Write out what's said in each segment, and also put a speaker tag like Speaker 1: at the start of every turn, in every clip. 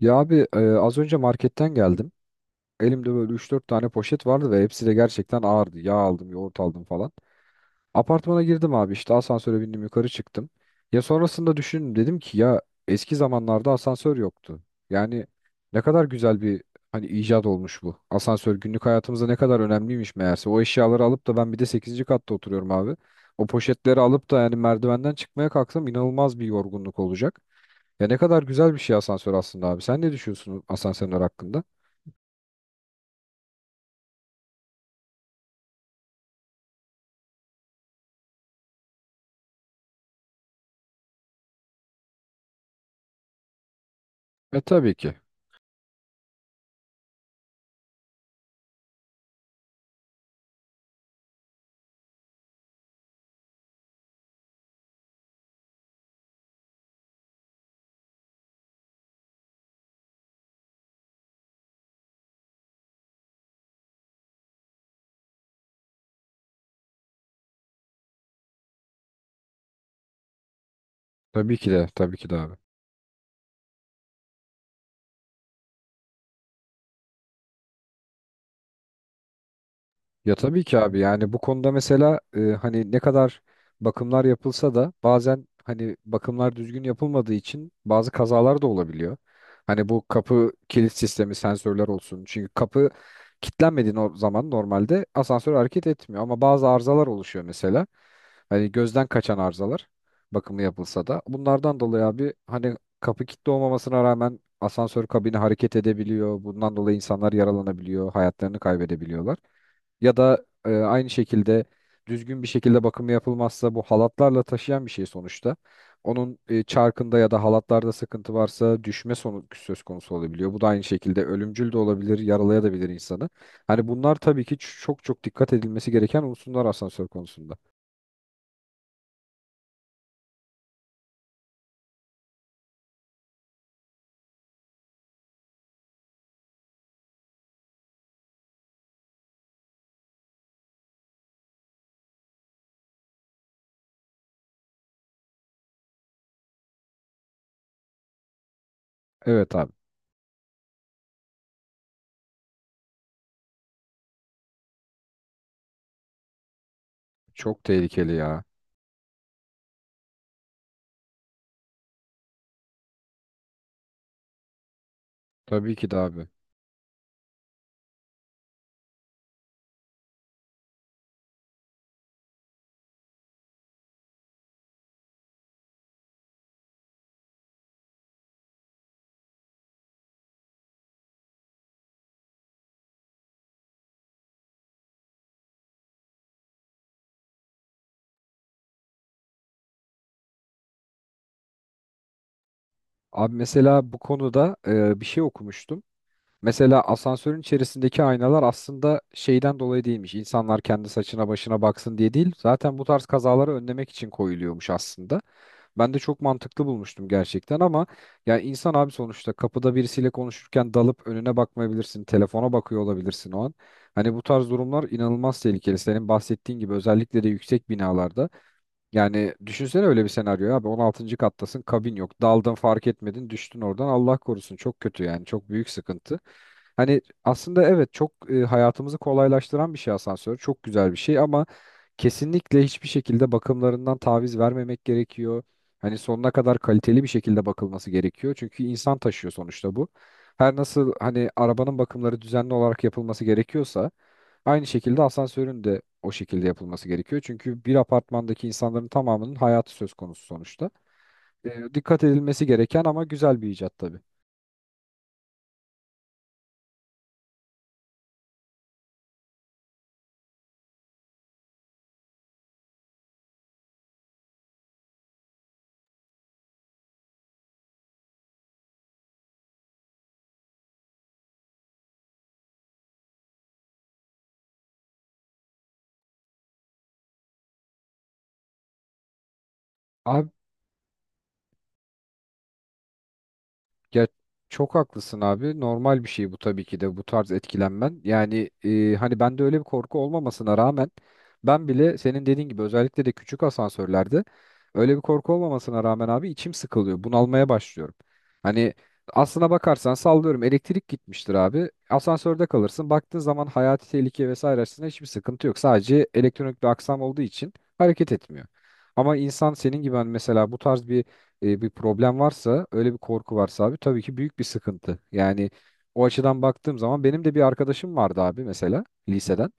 Speaker 1: Ya abi az önce marketten geldim. Elimde böyle üç dört tane poşet vardı ve hepsi de gerçekten ağırdı. Yağ aldım, yoğurt aldım falan. Apartmana girdim abi işte asansöre bindim yukarı çıktım. Ya sonrasında düşündüm dedim ki ya eski zamanlarda asansör yoktu. Yani ne kadar güzel bir hani icat olmuş bu. Asansör günlük hayatımızda ne kadar önemliymiş meğerse. O eşyaları alıp da ben bir de sekizinci katta oturuyorum abi. O poşetleri alıp da yani merdivenden çıkmaya kalksam inanılmaz bir yorgunluk olacak. Ya ne kadar güzel bir şey asansör aslında abi. Sen ne düşünüyorsun asansörler hakkında? E tabii ki. Tabii ki de. Tabii ki de abi. Ya tabii ki abi yani bu konuda mesela hani ne kadar bakımlar yapılsa da bazen hani bakımlar düzgün yapılmadığı için bazı kazalar da olabiliyor. Hani bu kapı kilit sistemi sensörler olsun. Çünkü kapı kilitlenmediği o zaman normalde asansör hareket etmiyor ama bazı arızalar oluşuyor mesela. Hani gözden kaçan arızalar bakımı yapılsa da bunlardan dolayı abi hani kapı kilitli olmamasına rağmen asansör kabini hareket edebiliyor. Bundan dolayı insanlar yaralanabiliyor, hayatlarını kaybedebiliyorlar ya da aynı şekilde düzgün bir şekilde bakımı yapılmazsa bu halatlarla taşıyan bir şey sonuçta. Onun çarkında ya da halatlarda sıkıntı varsa düşme sonu söz konusu olabiliyor. Bu da aynı şekilde ölümcül de olabilir, yaralayabilir insanı. Hani bunlar tabii ki çok çok dikkat edilmesi gereken unsurlar asansör konusunda. Evet abi. Çok tehlikeli ya. Tabii ki de abi. Abi mesela bu konuda bir şey okumuştum. Mesela asansörün içerisindeki aynalar aslında şeyden dolayı değilmiş. İnsanlar kendi saçına başına baksın diye değil. Zaten bu tarz kazaları önlemek için koyuluyormuş aslında. Ben de çok mantıklı bulmuştum gerçekten ama ya insan abi sonuçta kapıda birisiyle konuşurken dalıp önüne bakmayabilirsin. Telefona bakıyor olabilirsin o an. Hani bu tarz durumlar inanılmaz tehlikeli. Senin bahsettiğin gibi özellikle de yüksek binalarda. Yani düşünsene öyle bir senaryo abi 16. kattasın kabin yok daldın fark etmedin düştün oradan Allah korusun çok kötü yani çok büyük sıkıntı. Hani aslında evet çok hayatımızı kolaylaştıran bir şey asansör çok güzel bir şey ama kesinlikle hiçbir şekilde bakımlarından taviz vermemek gerekiyor. Hani sonuna kadar kaliteli bir şekilde bakılması gerekiyor çünkü insan taşıyor sonuçta bu. Her nasıl hani arabanın bakımları düzenli olarak yapılması gerekiyorsa aynı şekilde asansörün de o şekilde yapılması gerekiyor. Çünkü bir apartmandaki insanların tamamının hayatı söz konusu sonuçta. Dikkat edilmesi gereken ama güzel bir icat tabii. Ya çok haklısın abi. Normal bir şey bu tabii ki de bu tarz etkilenmen. Yani hani bende öyle bir korku olmamasına rağmen ben bile senin dediğin gibi özellikle de küçük asansörlerde öyle bir korku olmamasına rağmen abi içim sıkılıyor. Bunalmaya başlıyorum. Hani aslına bakarsan sallıyorum elektrik gitmiştir abi. Asansörde kalırsın. Baktığın zaman hayati tehlike vesaire açısından hiçbir sıkıntı yok. Sadece elektronik bir aksam olduğu için hareket etmiyor. Ama insan senin gibi hani mesela bu tarz bir problem varsa, öyle bir korku varsa abi tabii ki büyük bir sıkıntı. Yani o açıdan baktığım zaman benim de bir arkadaşım vardı abi mesela liseden.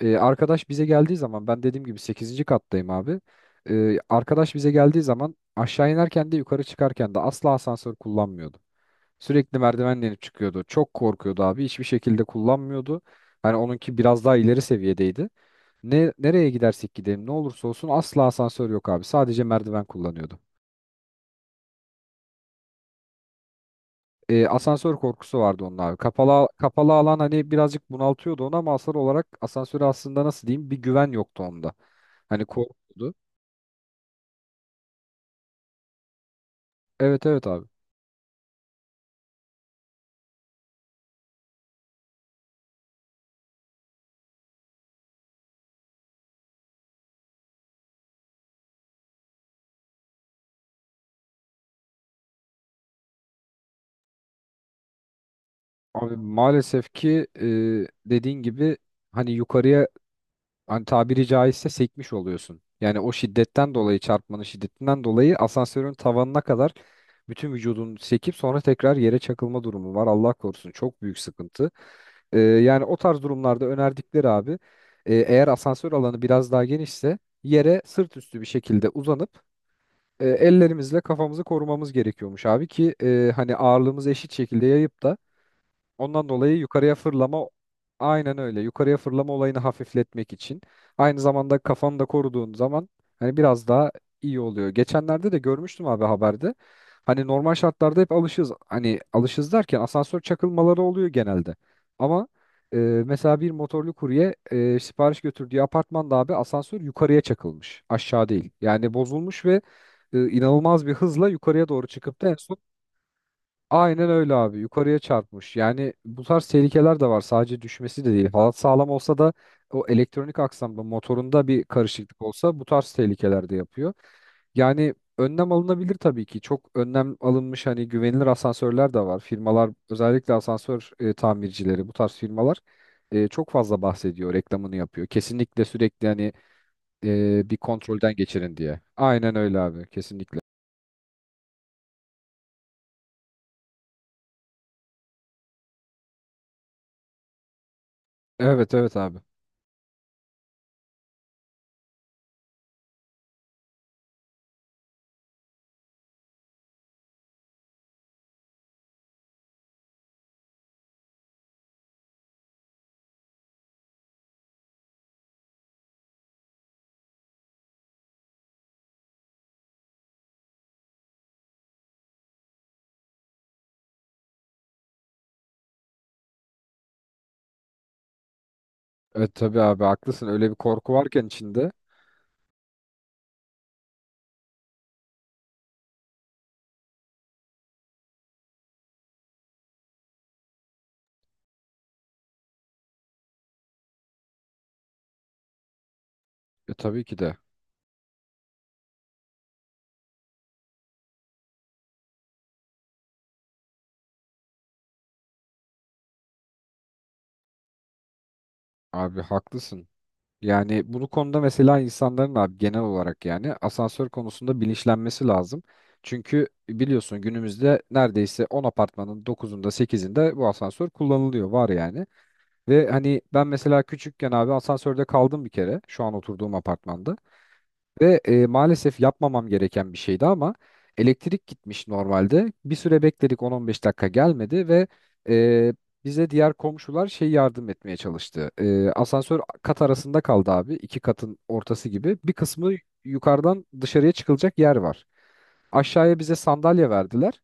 Speaker 1: Arkadaş bize geldiği zaman ben dediğim gibi sekizinci kattayım abi. Arkadaş bize geldiği zaman aşağı inerken de yukarı çıkarken de asla asansör kullanmıyordu. Sürekli merdivenle inip çıkıyordu. Çok korkuyordu abi. Hiçbir şekilde kullanmıyordu. Hani onunki biraz daha ileri seviyedeydi. Ne nereye gidersek gidelim ne olursa olsun asla asansör yok abi. Sadece merdiven kullanıyordu. Asansör korkusu vardı onun abi. Kapalı alan hani birazcık bunaltıyordu onu ama asıl olarak asansöre aslında nasıl diyeyim bir güven yoktu onda. Hani korkuyordu. Evet evet abi. Abi maalesef ki dediğin gibi hani yukarıya hani tabiri caizse sekmiş oluyorsun. Yani o şiddetten dolayı çarpmanın şiddetinden dolayı asansörün tavanına kadar bütün vücudun sekip sonra tekrar yere çakılma durumu var. Allah korusun çok büyük sıkıntı. Yani o tarz durumlarda önerdikleri abi eğer asansör alanı biraz daha genişse yere sırt üstü bir şekilde uzanıp ellerimizle kafamızı korumamız gerekiyormuş abi ki hani ağırlığımızı eşit şekilde yayıp da ondan dolayı yukarıya fırlama aynen öyle. Yukarıya fırlama olayını hafifletmek için. Aynı zamanda kafanı da koruduğun zaman hani biraz daha iyi oluyor. Geçenlerde de görmüştüm abi haberde. Hani normal şartlarda hep alışız. Hani alışız derken asansör çakılmaları oluyor genelde. Ama mesela bir motorlu kurye sipariş götürdüğü apartmanda abi asansör yukarıya çakılmış. Aşağı değil. Yani bozulmuş ve inanılmaz bir hızla yukarıya doğru çıkıp da en son aynen öyle abi. Yukarıya çarpmış. Yani bu tarz tehlikeler de var. Sadece düşmesi de değil. Halat sağlam olsa da o elektronik aksamda motorunda bir karışıklık olsa bu tarz tehlikeler de yapıyor. Yani önlem alınabilir tabii ki. Çok önlem alınmış hani güvenilir asansörler de var. Firmalar özellikle asansör tamircileri bu tarz firmalar çok fazla bahsediyor, reklamını yapıyor. Kesinlikle sürekli hani bir kontrolden geçirin diye. Aynen öyle abi. Kesinlikle. Evet evet abi. E tabii abi haklısın. Öyle bir korku varken içinde. E tabii ki de. Abi haklısın. Yani bu konuda mesela insanların abi genel olarak yani asansör konusunda bilinçlenmesi lazım. Çünkü biliyorsun günümüzde neredeyse 10 apartmanın 9'unda 8'inde bu asansör kullanılıyor var yani. Ve hani ben mesela küçükken abi asansörde kaldım bir kere şu an oturduğum apartmanda. Ve maalesef yapmamam gereken bir şeydi ama elektrik gitmiş normalde. Bir süre bekledik 10-15 dakika gelmedi ve e, bize diğer komşular şey yardım etmeye çalıştı. E, asansör kat arasında kaldı abi. İki katın ortası gibi. Bir kısmı yukarıdan dışarıya çıkılacak yer var. Aşağıya bize sandalye verdiler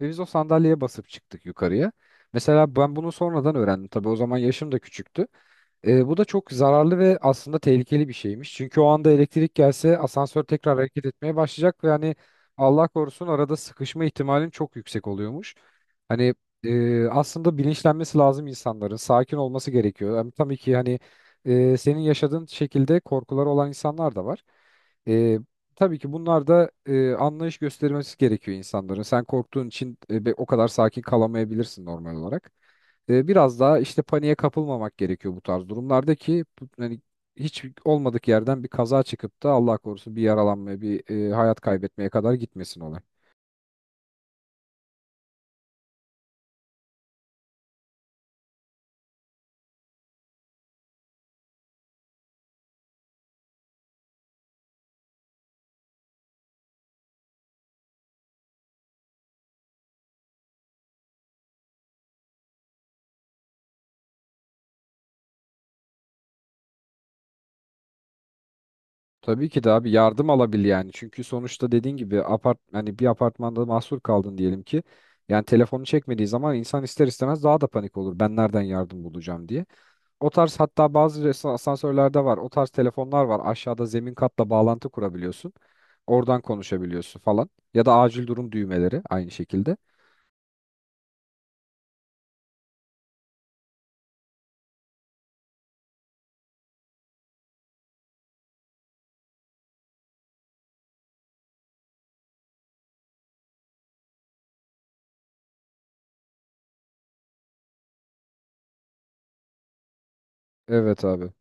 Speaker 1: ve biz o sandalyeye basıp çıktık yukarıya. Mesela ben bunu sonradan öğrendim. Tabii o zaman yaşım da küçüktü. E, bu da çok zararlı ve aslında tehlikeli bir şeymiş. Çünkü o anda elektrik gelse asansör tekrar hareket etmeye başlayacak ve hani Allah korusun arada sıkışma ihtimalin çok yüksek oluyormuş. Hani aslında bilinçlenmesi lazım insanların. Sakin olması gerekiyor. Hem tabii ki hani senin yaşadığın şekilde korkuları olan insanlar da var. E, tabii ki bunlar da anlayış göstermesi gerekiyor insanların. Sen korktuğun için o kadar sakin kalamayabilirsin normal olarak biraz daha işte paniğe kapılmamak gerekiyor bu tarz durumlarda ki hani hiç olmadık yerden bir kaza çıkıp da Allah korusun bir yaralanmaya, bir hayat kaybetmeye kadar gitmesin olay. Tabii ki de abi yardım alabil yani. Çünkü sonuçta dediğin gibi apart hani bir apartmanda mahsur kaldın diyelim ki. Yani telefonu çekmediği zaman insan ister istemez daha da panik olur. Ben nereden yardım bulacağım diye. O tarz hatta bazı asansörlerde var. O tarz telefonlar var. Aşağıda zemin katla bağlantı kurabiliyorsun. Oradan konuşabiliyorsun falan. Ya da acil durum düğmeleri aynı şekilde. Evet abi.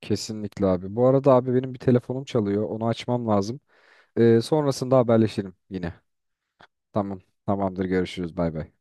Speaker 1: Kesinlikle abi. Bu arada abi benim bir telefonum çalıyor. Onu açmam lazım. Sonrasında haberleşelim yine. Tamam. Tamamdır. Görüşürüz. Bay bay.